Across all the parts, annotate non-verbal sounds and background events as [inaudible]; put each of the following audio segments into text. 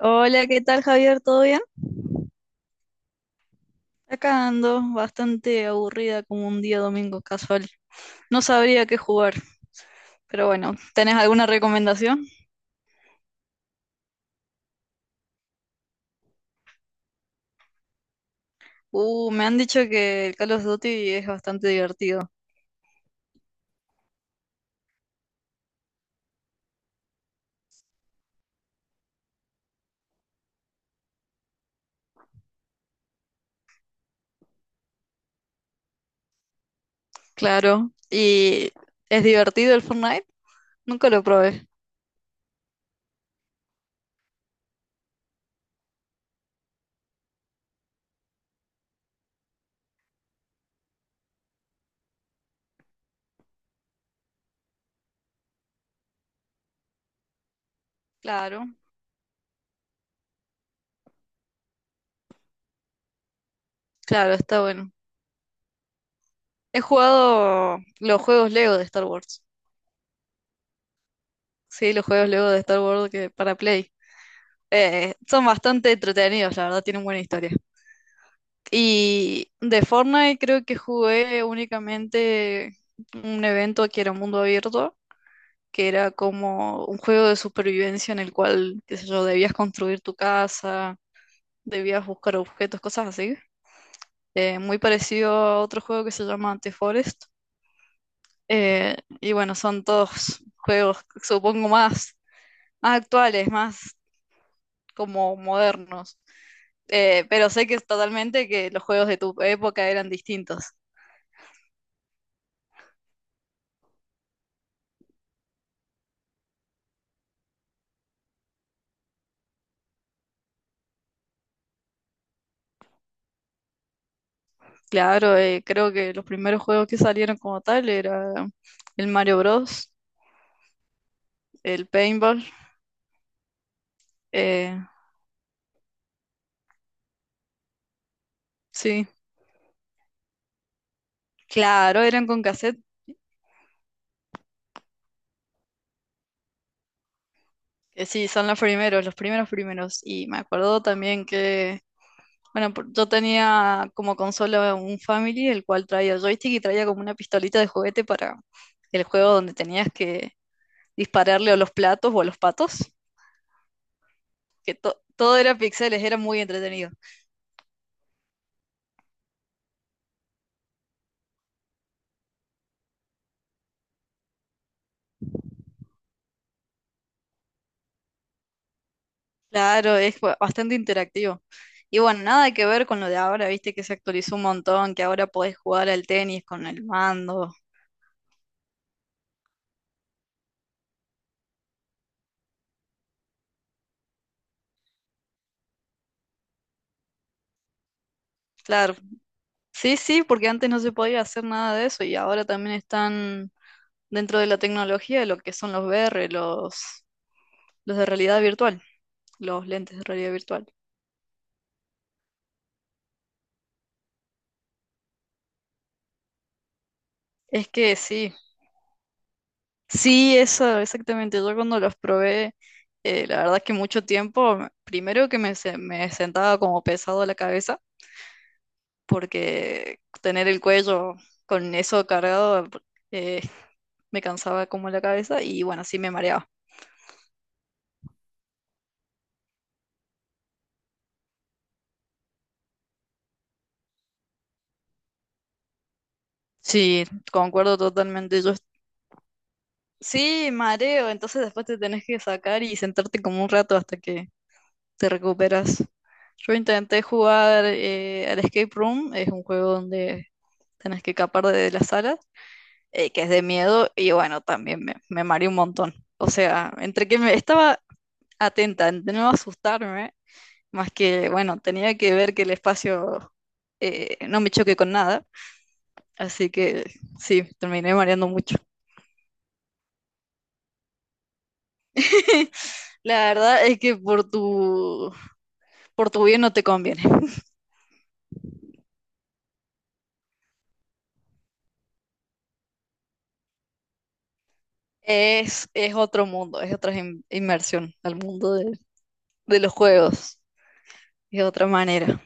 Hola, ¿qué tal, Javier? ¿Todo bien? Acá ando, bastante aburrida como un día domingo casual. No sabría qué jugar, pero bueno, ¿tenés alguna recomendación? Me han dicho que el Call of Duty es bastante divertido. Claro. ¿Y es divertido el Fortnite? Nunca lo probé. Claro, claro, está bueno. He jugado los juegos Lego de Star Wars. Sí, los juegos Lego de Star Wars que para Play. Son bastante entretenidos, la verdad, tienen buena historia. Y de Fortnite creo que jugué únicamente un evento que era mundo abierto, que era como un juego de supervivencia en el cual, qué sé yo, debías construir tu casa, debías buscar objetos, cosas así. Muy parecido a otro juego que se llama The Forest. Y bueno, son todos juegos, supongo, más, más actuales, más como modernos. Pero sé que es totalmente que los juegos de tu época eran distintos. Claro, creo que los primeros juegos que salieron como tal era el Mario Bros, el Paintball, eh, sí, claro, eran con cassette, sí, son los primeros primeros, y me acuerdo también que, bueno, yo tenía como consola un Family, el cual traía joystick y traía como una pistolita de juguete para el juego donde tenías que dispararle a los platos o a los patos, que todo era pixeles, era muy entretenido. Claro, es bastante interactivo. Y bueno, nada que ver con lo de ahora, viste que se actualizó un montón, que ahora podés jugar al tenis con el mando. Claro, sí, sí, porque antes no se podía hacer nada de eso y ahora también están dentro de la tecnología lo que son los VR, los de realidad virtual, los lentes de realidad virtual. Es que sí, sí, eso, exactamente. Yo cuando los probé, la verdad es que mucho tiempo, primero que me, me sentaba como pesado la cabeza porque tener el cuello con eso cargado eh, me cansaba como la cabeza y bueno, sí me mareaba. Sí, concuerdo totalmente. Sí, mareo, entonces después te tenés que sacar y sentarte como un rato hasta que te recuperas. Yo intenté jugar al Escape Room, es un juego donde tenés que escapar de las salas, que es de miedo, y bueno, también me mareé un montón. O sea, entre que me estaba atenta, de no asustarme, más que, bueno, tenía que ver que el espacio no me choque con nada. Así que sí, terminé mareando mucho. [laughs] La verdad es que por por tu bien no te conviene. [laughs] Es otro mundo, es otra inmersión al mundo de los juegos. Es otra manera.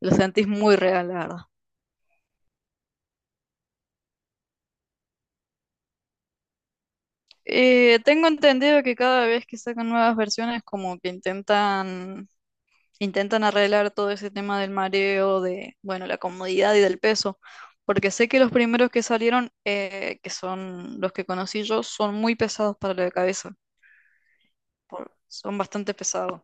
Lo sentís muy real, la verdad. Tengo entendido que cada vez que sacan nuevas versiones, como que intentan intentan arreglar todo ese tema del mareo, de, bueno, la comodidad y del peso, porque sé que los primeros que salieron, que son los que conocí yo, son muy pesados para la cabeza, son bastante pesados.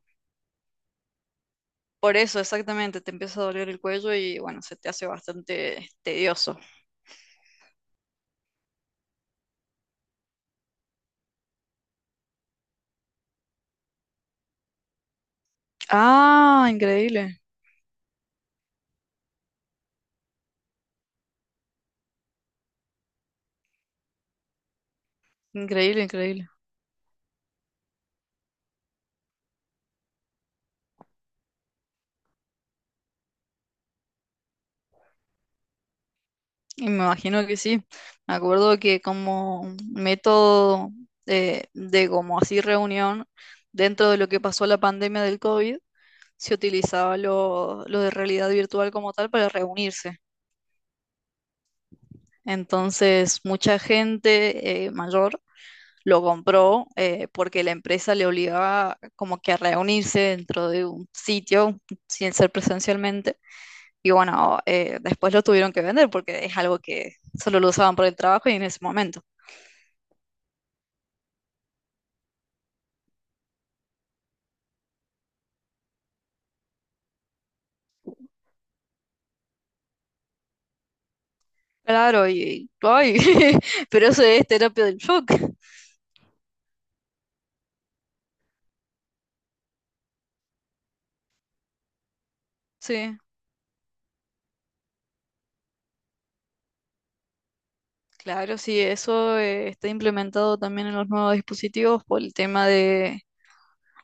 Por eso, exactamente, te empieza a doler el cuello y bueno, se te hace bastante tedioso. Ah, increíble, increíble, increíble. Y me imagino que sí. Me acuerdo que como método de como así reunión dentro de lo que pasó la pandemia del COVID, se utilizaba lo de realidad virtual como tal para reunirse. Entonces, mucha gente mayor lo compró porque la empresa le obligaba como que a reunirse dentro de un sitio sin ser presencialmente. Y bueno, después lo tuvieron que vender porque es algo que solo lo usaban por el trabajo y en ese momento. Claro, y, ay, [laughs] pero eso es terapia del shock. Sí, claro, sí, eso está implementado también en los nuevos dispositivos por el tema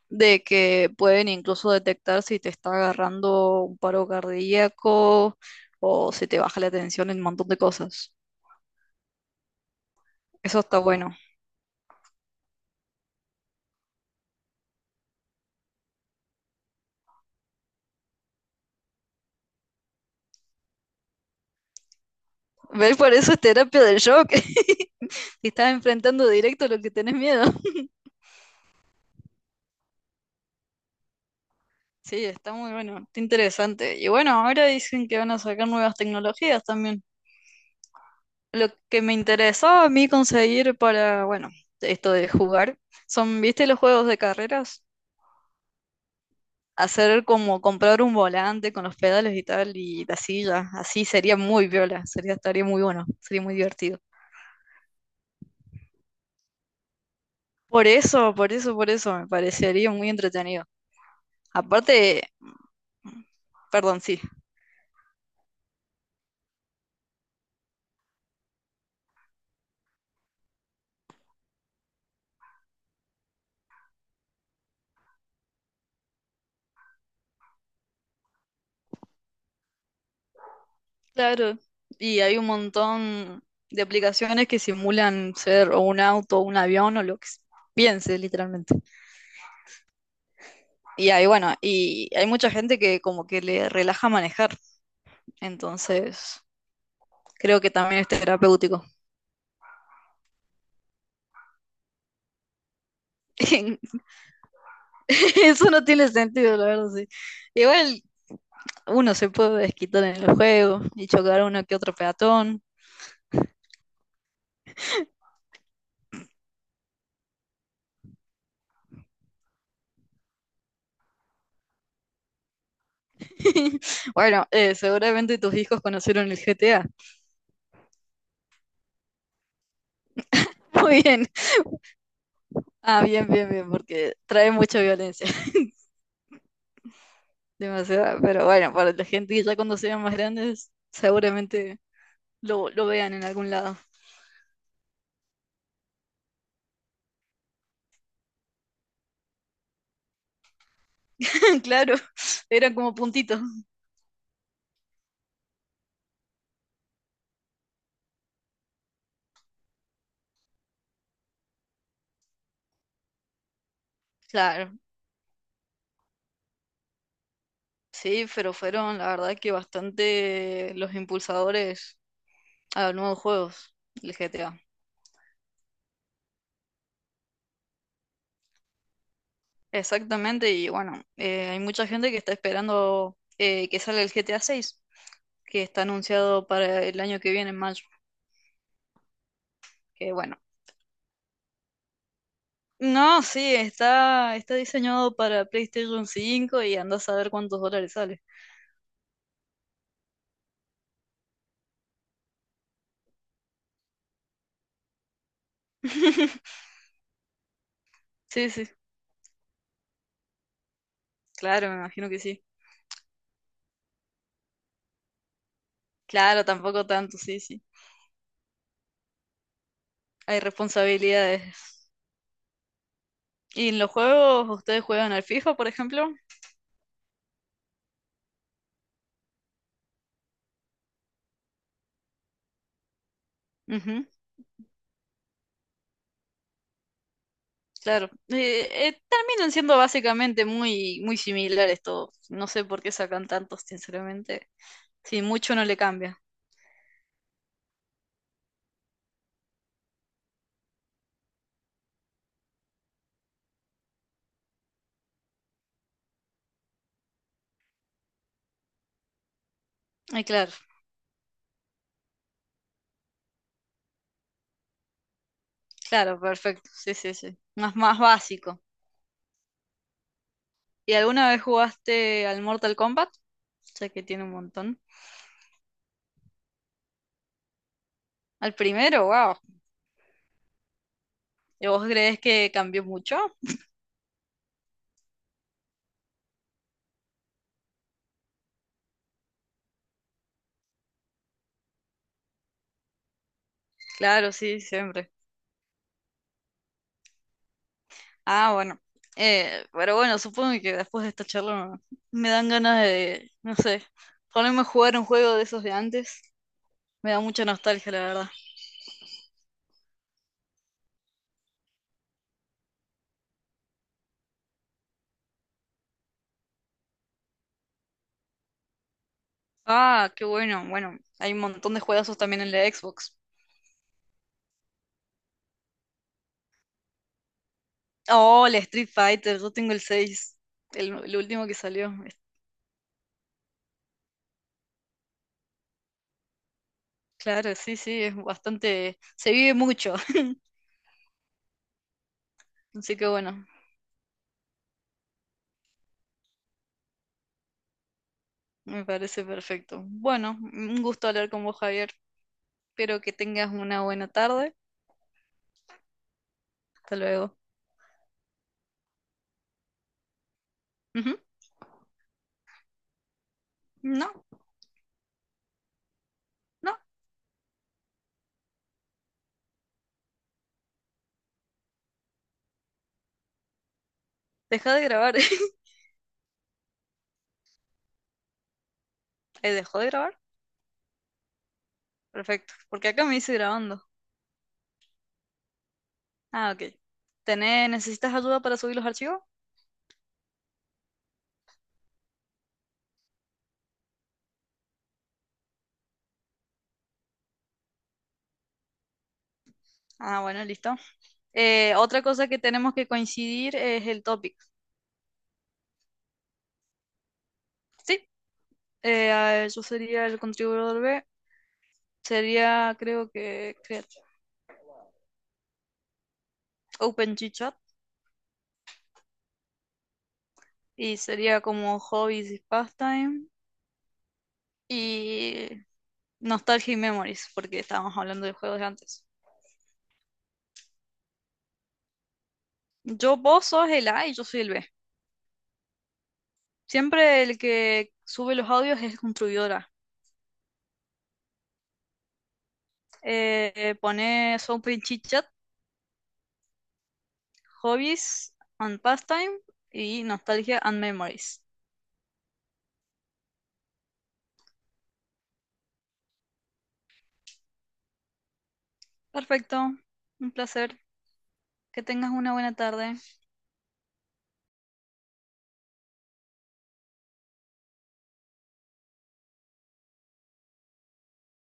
de que pueden incluso detectar si te está agarrando un paro cardíaco o se te baja la tensión en un montón de cosas. Eso está bueno. ¿Ves? Por eso es terapia del shock. [laughs] Te estás enfrentando directo a lo que tenés miedo. Sí, está muy bueno, está interesante. Y bueno, ahora dicen que van a sacar nuevas tecnologías también. Lo que me interesaba a mí conseguir para, bueno, esto de jugar, son, ¿viste los juegos de carreras? Hacer como comprar un volante con los pedales y tal y la silla, así sería muy viola, sería, estaría muy bueno, sería muy divertido. Por eso, por eso, por eso, me parecería muy entretenido. Aparte, perdón, sí. Claro, y hay un montón de aplicaciones que simulan ser o un auto, un avión o pienses literalmente. Y ahí, bueno, y hay mucha gente que como que le relaja manejar, entonces creo que también es terapéutico. [laughs] Eso no tiene sentido, la verdad, sí. Igual uno se puede desquitar en el juego y chocar a uno que otro peatón. [laughs] Bueno, seguramente tus hijos conocieron el GTA. [laughs] Muy bien. Ah, bien, bien, bien, porque trae mucha violencia, [laughs] demasiada. Pero bueno, para la gente que ya cuando sean más grandes, seguramente lo vean en algún lado. [laughs] Claro, eran como puntitos. Claro, sí, pero fueron la verdad que bastante los impulsadores a los nuevos juegos, el GTA. Exactamente, y bueno, hay mucha gente que está esperando que salga el GTA 6, que está anunciado para el año que viene en mayo, que bueno. No, sí, está, está diseñado para PlayStation 5 y anda a saber cuántos dólares sale. [laughs] Sí, sí, claro, me imagino que sí. Claro, tampoco tanto, sí, sí. Hay responsabilidades. ¿Y en los juegos ustedes juegan al FIFA, por ejemplo? Ujú, claro. Terminan siendo básicamente muy, muy similares todos. No sé por qué sacan tantos, sinceramente. Sí, mucho no le cambia. Ay, claro, claro, perfecto. Sí, sí, sí. Más, más básico. ¿Y alguna vez jugaste al Mortal Kombat? Sé que tiene un montón. Al primero, wow. ¿Y vos crees que cambió mucho? Claro, sí, siempre. Ah, bueno. Pero bueno, supongo que después de esta charla me dan ganas de, no sé, ponerme a jugar un juego de esos de antes. Me da mucha nostalgia, la verdad. Ah, qué bueno. Bueno, hay un montón de juegazos también en la Xbox. Oh, el Street Fighter, yo tengo el 6, el último que salió. Es- Claro, sí, sí, es bastante... Se vive mucho. [laughs] Así que bueno, me parece perfecto. Bueno, un gusto hablar con vos, Javier. Espero que tengas una buena tarde. Hasta luego. Ujú. No. No. Deja de grabar. [laughs] ¿Dejó de grabar? Perfecto. Porque acá me dice grabando. Ah, ok. Tenés ¿necesitas ayuda para subir los archivos? Ah, bueno, listo. Otra cosa que tenemos que coincidir es el topic. Sí, yo sería el contribuidor B. Sería, creo que, Open G-Chat. Y sería como hobbies y pastime. Y nostalgia y memories, porque estábamos hablando de juegos de antes. Yo, vos sos el A y yo soy el B. Siempre el que sube los audios es el contribuidor A. Pone Soapy Chit Chat, Hobbies and Pastime y Nostalgia and Memories. Perfecto, un placer. Que tengas una buena tarde.